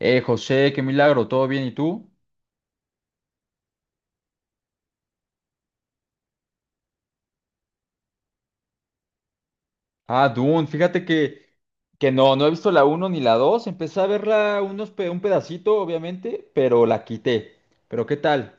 José, qué milagro, ¿todo bien? ¿Y tú? Ah, Dune, fíjate que no he visto la uno ni la 2. Empecé a verla un pedacito, obviamente, pero la quité. ¿Pero qué tal?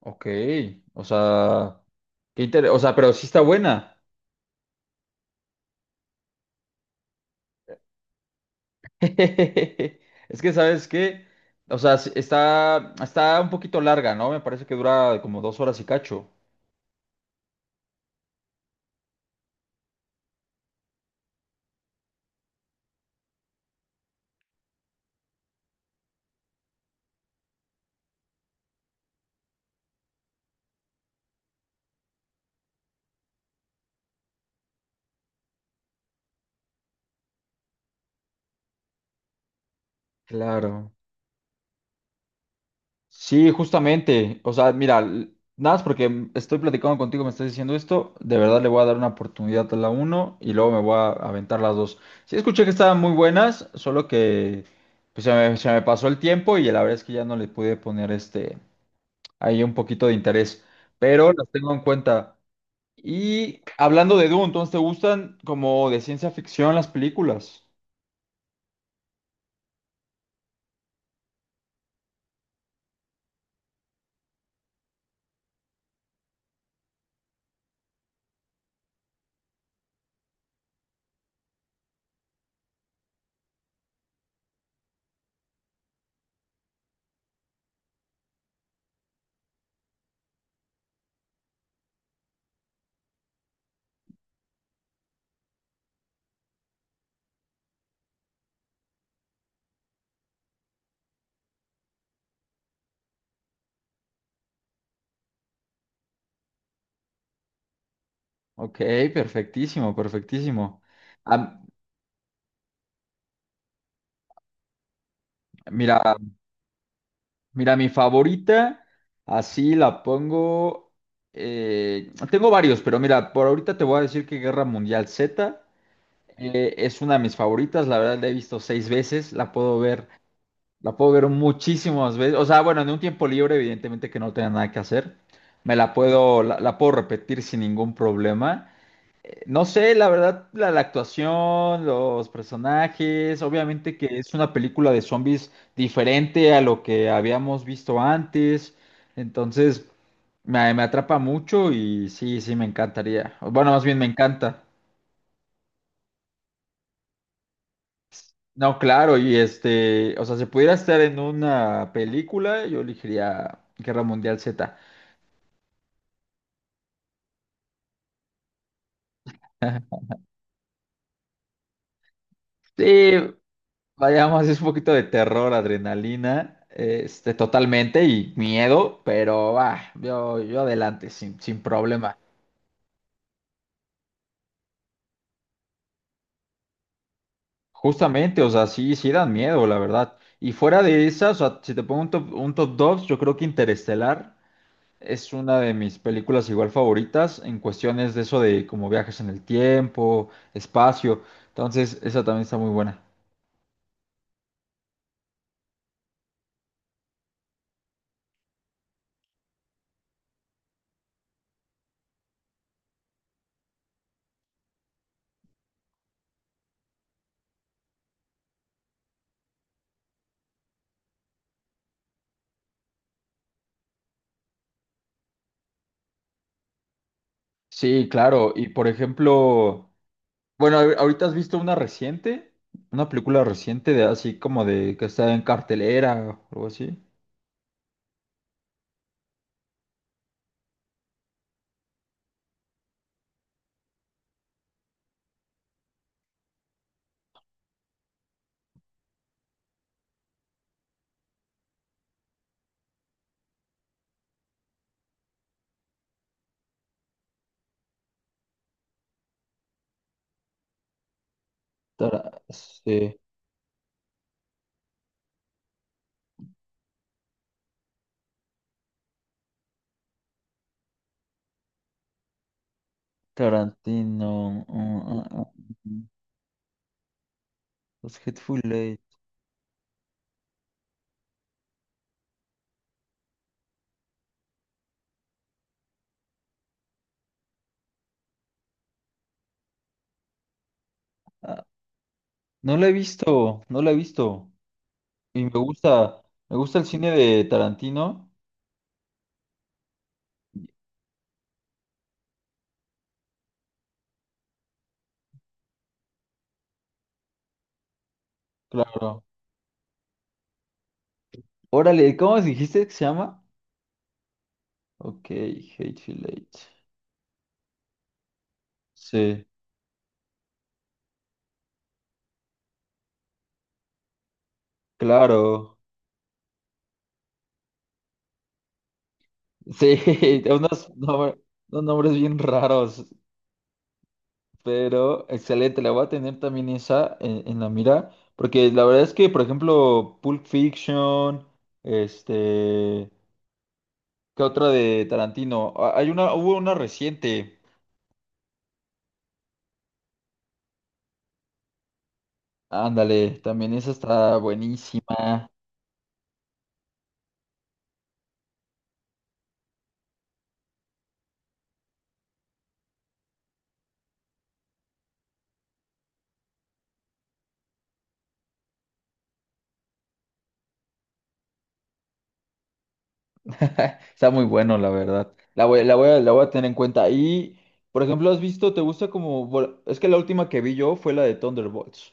Ok, o sea, o sea, pero sí está buena. Es que, ¿sabes qué? O sea, está un poquito larga, ¿no? Me parece que dura como dos horas y cacho. Claro. Sí, justamente. O sea, mira, nada más porque estoy platicando contigo, me estás diciendo esto, de verdad le voy a dar una oportunidad a la uno y luego me voy a aventar las dos. Sí, escuché que estaban muy buenas, solo que pues, se me pasó el tiempo y la verdad es que ya no le pude poner este ahí un poquito de interés, pero las tengo en cuenta. Y hablando de Dune, entonces, ¿te gustan como de ciencia ficción las películas? Ok, perfectísimo, perfectísimo. Ah, mira. Mira, mi favorita, así la pongo. Tengo varios, pero mira, por ahorita te voy a decir que Guerra Mundial Z es una de mis favoritas. La verdad la he visto seis veces, la puedo ver muchísimas veces. O sea, bueno, en un tiempo libre, evidentemente que no tenga nada que hacer, me la puedo, la puedo repetir sin ningún problema. No sé, la verdad, la actuación, los personajes, obviamente que es una película de zombies diferente a lo que habíamos visto antes, entonces me atrapa mucho y sí, sí, me encantaría. Bueno, más bien me encanta. No, claro, y este, o sea, si pudiera estar en una película, yo elegiría Guerra Mundial Z. Sí, Vayamos, es un poquito de terror, adrenalina, este, totalmente y miedo, pero va, yo adelante, sin problema. Justamente, o sea, sí, sí dan miedo, la verdad. Y fuera de esas, o sea, si te pongo un top 2, yo creo que Interestelar es una de mis películas igual favoritas en cuestiones de eso de como viajes en el tiempo, espacio. Entonces, esa también está muy buena. Sí, claro. Y por ejemplo... Bueno, ahorita has visto una reciente, una película reciente de así como de que está en cartelera o algo así. Tara- sí, Tarantino. Mm, Los Hateful Eight. Ah, no la he visto. Y me gusta el cine de Tarantino. Claro. Órale, ¿cómo dijiste que se llama? Ok, Hateful Eight. Sí, claro. Sí, unos nombres, unos nombres bien raros. Pero excelente, la voy a tener también esa en la mira, porque la verdad es que, por ejemplo, Pulp Fiction, este, ¿qué otra de Tarantino? Ah, Hay una, hubo una reciente, ándale, también esa está buenísima, está muy bueno, la verdad, la voy a tener en cuenta. Y, por ejemplo, ¿has visto, te gusta como, bueno, es que la última que vi yo fue la de Thunderbolts.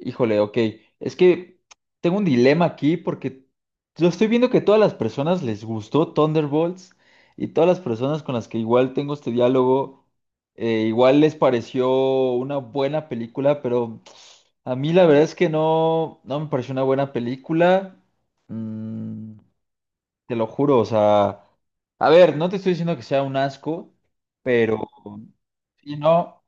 Híjole, ok. Es que tengo un dilema aquí porque yo estoy viendo que todas las personas les gustó Thunderbolts y todas las personas con las que igual tengo este diálogo, igual les pareció una buena película, pero a mí la verdad es que no me pareció una buena película. Mm, te lo juro, o sea, a ver, no te estoy diciendo que sea un asco, pero si no.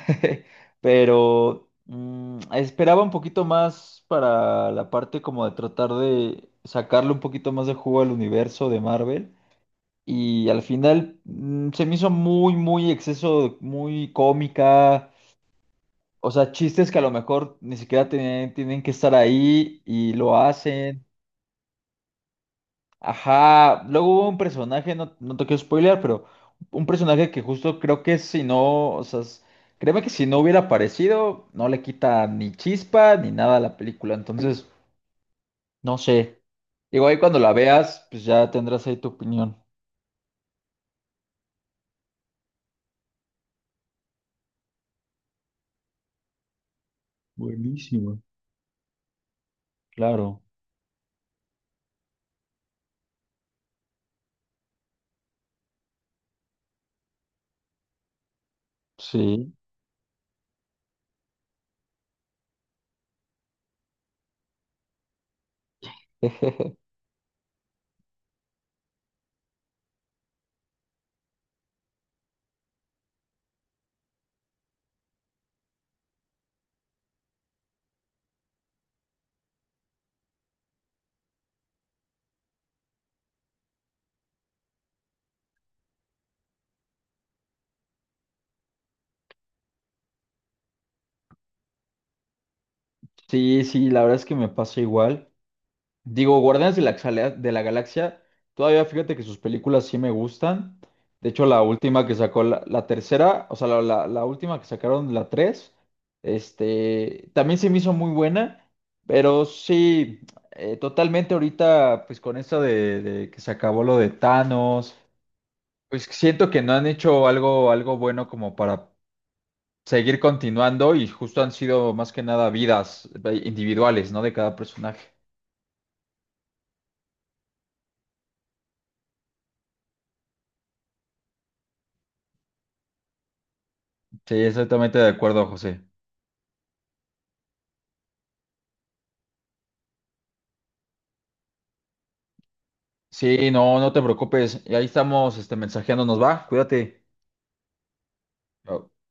Pero esperaba un poquito más para la parte como de tratar de sacarle un poquito más de jugo al universo de Marvel. Y al final se me hizo muy exceso, muy cómica. O sea, chistes que a lo mejor ni siquiera tienen que estar ahí y lo hacen. Ajá, luego hubo un personaje, no, no te quiero spoilear, pero un personaje que justo creo que si no, o sea, créeme que si no hubiera aparecido, no le quita ni chispa ni nada a la película, entonces, no sé. Digo, ahí cuando la veas, pues ya tendrás ahí tu opinión. Buenísimo. Claro, sí. Sí, sí, la verdad es que me pasa igual. Digo, Guardianes de la, Xalea- de la Galaxia, todavía fíjate que sus películas sí me gustan. De hecho, la última que sacó, la tercera, o sea, la última que sacaron, la tres, este, también se me hizo muy buena, pero sí, totalmente ahorita, pues con esto de que se acabó lo de Thanos, pues siento que no han hecho algo bueno como para seguir continuando y justo han sido más que nada vidas individuales, ¿no? De cada personaje. Sí, exactamente de acuerdo, José. Sí, no, no te preocupes. Y ahí estamos, este, mensajeándonos, va. Cuídate. Chao.